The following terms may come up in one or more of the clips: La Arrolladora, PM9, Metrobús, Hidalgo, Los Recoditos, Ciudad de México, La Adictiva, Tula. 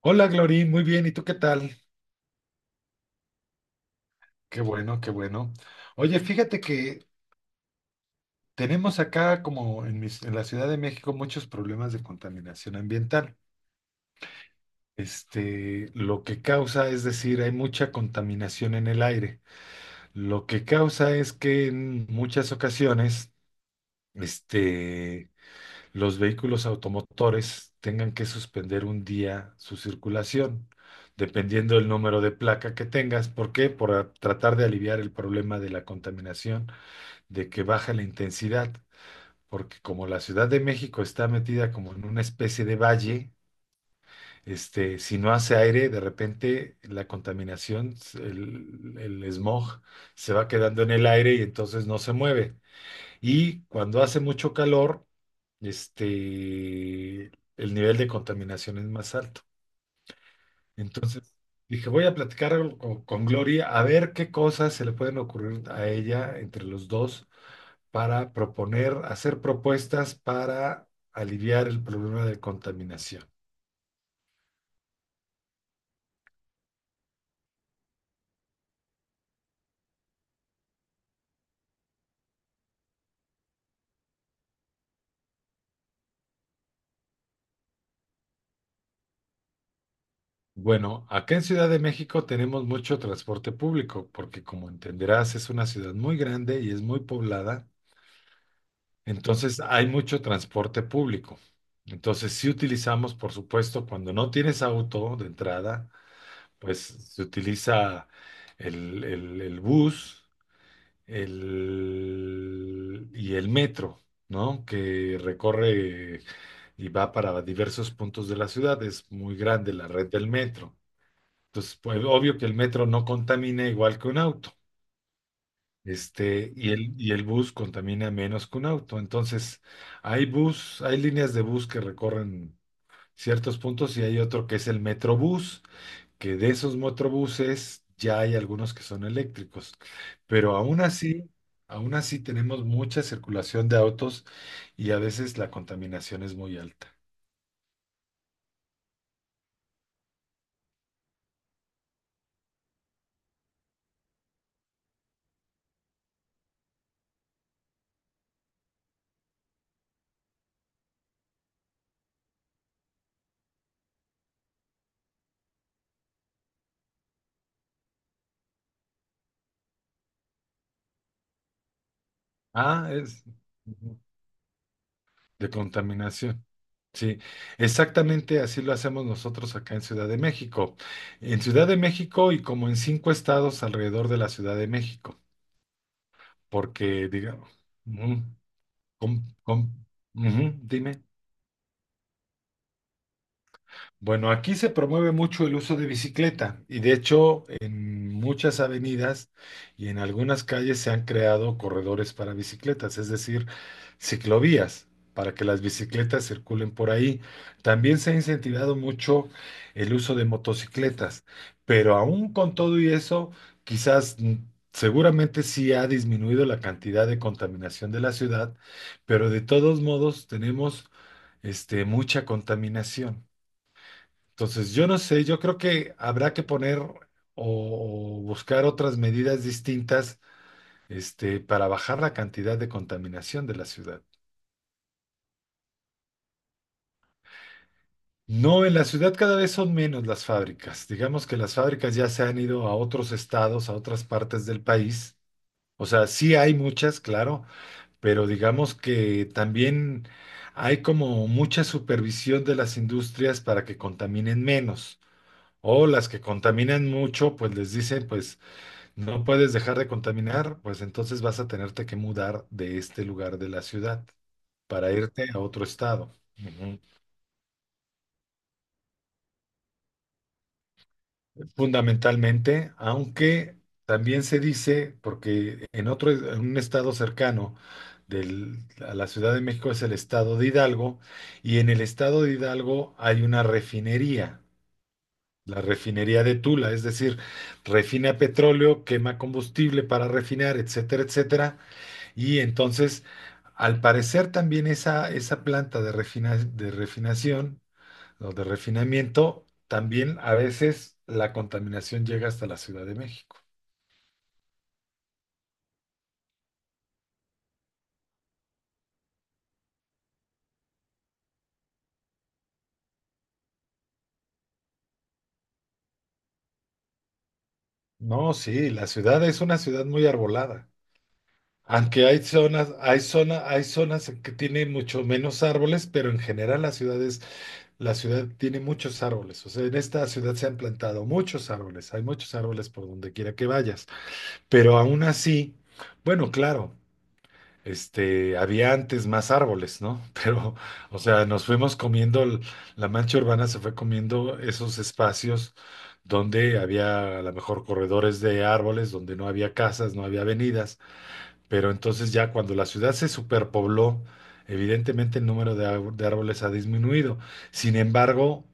Hola, Glory, muy bien, ¿y tú qué tal? Qué bueno, qué bueno. Oye, fíjate que tenemos acá, como en la Ciudad de México, muchos problemas de contaminación ambiental. Lo que causa, es decir, hay mucha contaminación en el aire. Lo que causa es que en muchas ocasiones, este, los vehículos automotores tengan que suspender un día su circulación, dependiendo del número de placa que tengas. ¿Por qué? Por tratar de aliviar el problema de la contaminación, de que baja la intensidad, porque como la Ciudad de México está metida como en una especie de valle, si no hace aire, de repente la contaminación, el smog, se va quedando en el aire y entonces no se mueve. Y cuando hace mucho calor, este, el nivel de contaminación es más alto. Entonces, dije, voy a platicar algo con, Gloria, a ver qué cosas se le pueden ocurrir a ella entre los dos para proponer, hacer propuestas para aliviar el problema de contaminación. Bueno, acá en Ciudad de México tenemos mucho transporte público, porque como entenderás, es una ciudad muy grande y es muy poblada. Entonces hay mucho transporte público. Entonces sí utilizamos, por supuesto, cuando no tienes auto de entrada, pues se utiliza el bus y el metro, ¿no? Que recorre y va para diversos puntos de la ciudad. Es muy grande la red del metro. Entonces, pues obvio que el metro no contamina igual que un auto. Y el bus contamina menos que un auto. Entonces, hay bus, hay líneas de bus que recorren ciertos puntos y hay otro que es el Metrobús, que de esos Metrobuses ya hay algunos que son eléctricos. Pero aún así tenemos mucha circulación de autos y a veces la contaminación es muy alta. Ah, es, ujú, de contaminación. Sí, exactamente así lo hacemos nosotros acá en Ciudad de México. En Ciudad de México y como en cinco estados alrededor de la Ciudad de México, porque digamos, ujú, com- com- ujú, dime. Bueno, aquí se promueve mucho el uso de bicicleta y de hecho en muchas avenidas y en algunas calles se han creado corredores para bicicletas, es decir, ciclovías para que las bicicletas circulen por ahí. También se ha incentivado mucho el uso de motocicletas, pero aún con todo y eso, quizás, seguramente sí ha disminuido la cantidad de contaminación de la ciudad, pero de todos modos tenemos mucha contaminación. Entonces, yo no sé, yo creo que habrá que poner o buscar otras medidas distintas, para bajar la cantidad de contaminación de la ciudad. No, en la ciudad cada vez son menos las fábricas. Digamos que las fábricas ya se han ido a otros estados, a otras partes del país. O sea, sí hay muchas, claro, pero digamos que también hay como mucha supervisión de las industrias para que contaminen menos. O las que contaminan mucho, pues les dicen, pues no puedes dejar de contaminar, pues entonces vas a tenerte que mudar de este lugar de la ciudad para irte a otro estado. Ujú. Fundamentalmente, aunque también se dice, porque en otro, en un estado cercano del- a la Ciudad de México, es el estado de Hidalgo, y en el estado de Hidalgo hay una refinería, la refinería de Tula, es decir, refina petróleo, quema combustible para refinar, etcétera, etcétera. Y entonces, al parecer también esa planta de refinación o de refinamiento, también a veces la contaminación llega hasta la Ciudad de México. No, sí, la ciudad es una ciudad muy arbolada. Aunque hay zonas en que tienen mucho menos árboles, pero en general la ciudad tiene muchos árboles. O sea, en esta ciudad se han plantado muchos árboles, hay muchos árboles por donde quiera que vayas. Pero aún así, bueno, claro, había antes más árboles, ¿no? Pero, o sea, nos fuimos comiendo, la mancha urbana se fue comiendo esos espacios donde había a lo mejor corredores de árboles, donde no había casas, no había avenidas, pero entonces ya cuando la ciudad se superpobló, evidentemente el número de árboles ha disminuido. Sin embargo,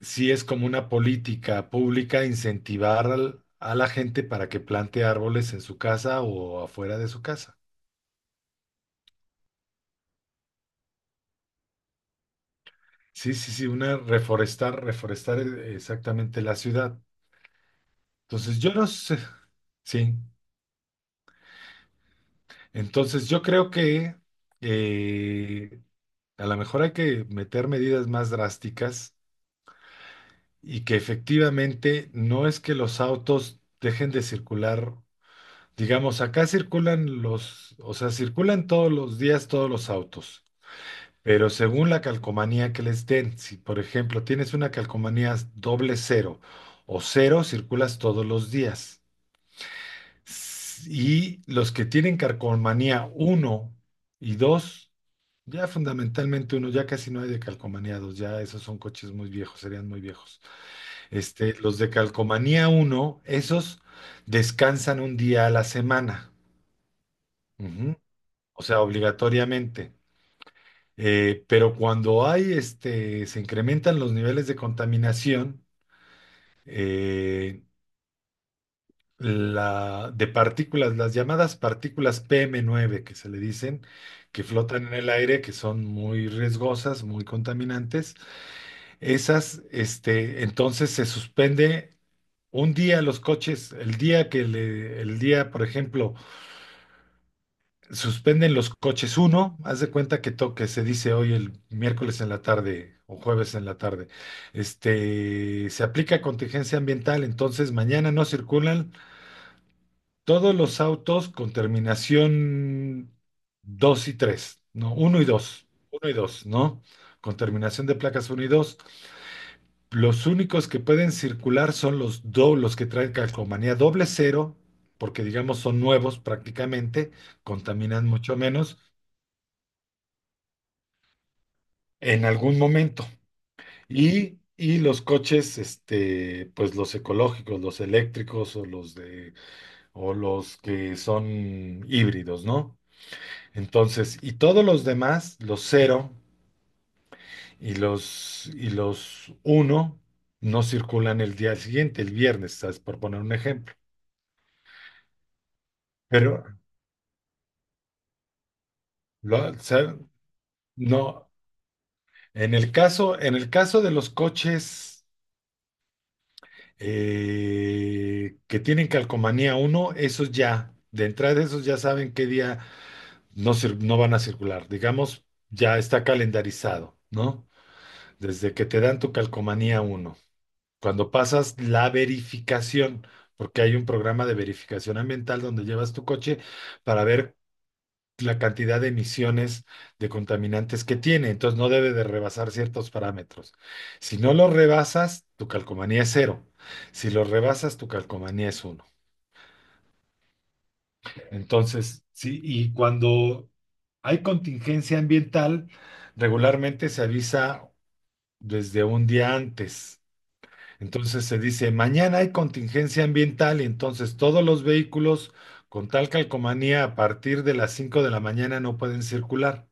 sí es como una política pública incentivar a la gente para que plante árboles en su casa o afuera de su casa. Sí, sí, sí, una reforestar, exactamente la ciudad. Entonces, yo no sé, sí. Entonces, yo creo que eh, a lo mejor hay que meter medidas más drásticas y que efectivamente no es que los autos dejen de circular. Digamos, acá circulan los, o sea, circulan todos los días todos los autos. Pero según la calcomanía que les den, si por ejemplo tienes una calcomanía doble cero o cero, circulas todos los días. Y los que tienen calcomanía uno y dos, ya fundamentalmente uno, ya casi no hay de calcomanía dos, ya esos son coches muy viejos, serían muy viejos. Los de calcomanía uno, esos descansan un día a la semana. Ujú. O sea, obligatoriamente. Pero cuando hay, se incrementan los niveles de contaminación, eh, de partículas, las llamadas partículas PM9 que se le dicen, que flotan en el aire, que son muy riesgosas, muy contaminantes. Esas, entonces se suspende un día los coches, el día, por ejemplo, suspenden los coches uno, haz de cuenta que toque, se dice hoy el miércoles en la tarde o jueves en la tarde. Se aplica contingencia ambiental, entonces mañana no circulan todos los autos con terminación 2 y 3 no, uno y dos, ¿no? Con terminación de placas uno y dos. Los únicos que pueden circular son los que traen calcomanía doble cero, porque digamos son nuevos prácticamente, contaminan mucho menos en algún momento. Y los coches, pues los ecológicos, los eléctricos o los de, o los que son híbridos, ¿no? Entonces, y todos los demás, los cero y los uno, no circulan el día siguiente, el viernes, ¿sabes? Por poner un ejemplo. Pero, o sea, no, en el caso de los coches, que tienen calcomanía uno, esos ya, de entrada esos ya saben qué día no, no van a circular. Digamos, ya está calendarizado, ¿no? Desde que te dan tu calcomanía uno. Cuando pasas la verificación, porque hay un programa de verificación ambiental donde llevas tu coche para ver la cantidad de emisiones de contaminantes que tiene. Entonces no debe de rebasar ciertos parámetros. Si no lo rebasas, tu calcomanía es cero. Si lo rebasas, tu calcomanía es uno. Entonces, sí, y cuando hay contingencia ambiental, regularmente se avisa desde un día antes. Entonces se dice, mañana hay contingencia ambiental y entonces todos los vehículos con tal calcomanía a partir de las 5 de la mañana no pueden circular.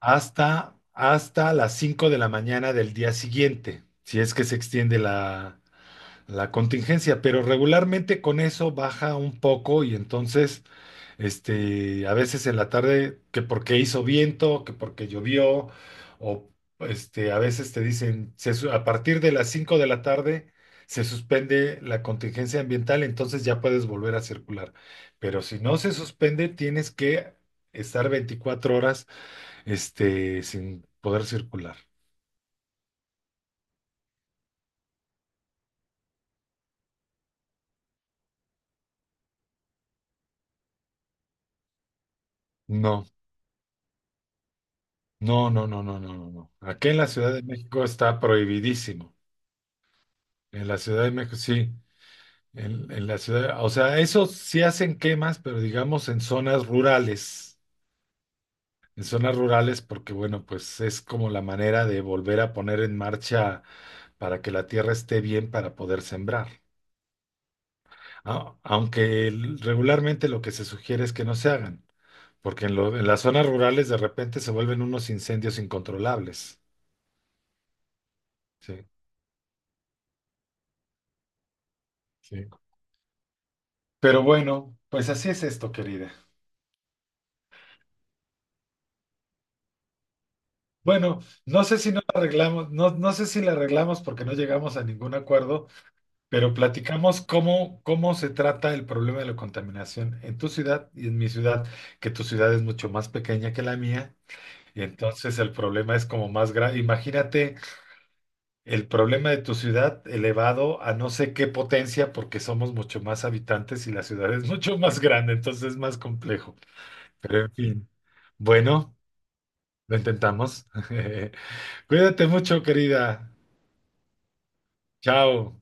Hasta, hasta las 5 de la mañana del día siguiente, si es que se extiende la contingencia, pero regularmente con eso baja un poco y entonces, a veces en la tarde, que porque hizo viento, que porque llovió, o a veces te dicen, a partir de las 5 de la tarde se suspende la contingencia ambiental, entonces ya puedes volver a circular. Pero si no se suspende, tienes que estar 24 horas, sin poder circular. No, no, no, no, no, no, no, no. Aquí en la Ciudad de México está prohibidísimo. En la Ciudad de México, sí. En la ciudad, o sea, eso sí hacen quemas, pero digamos en zonas rurales. En zonas rurales, porque bueno, pues es como la manera de volver a poner en marcha para que la tierra esté bien para poder sembrar. Aunque regularmente lo que se sugiere es que no se hagan. Porque en las zonas rurales de repente se vuelven unos incendios incontrolables. Sí, sí. Pero bueno, pues así es esto, querida. Bueno, no sé si no la arreglamos, no, no sé si la arreglamos porque no llegamos a ningún acuerdo, pero platicamos cómo se trata el problema de la contaminación en tu ciudad y en mi ciudad, que tu ciudad es mucho más pequeña que la mía, y entonces el problema es como más grave. Imagínate. El problema de tu ciudad elevado a no sé qué potencia, porque somos mucho más habitantes y la ciudad es mucho más grande, entonces es más complejo. Pero en fin, bueno, lo intentamos. Cuídate mucho, querida. Chao.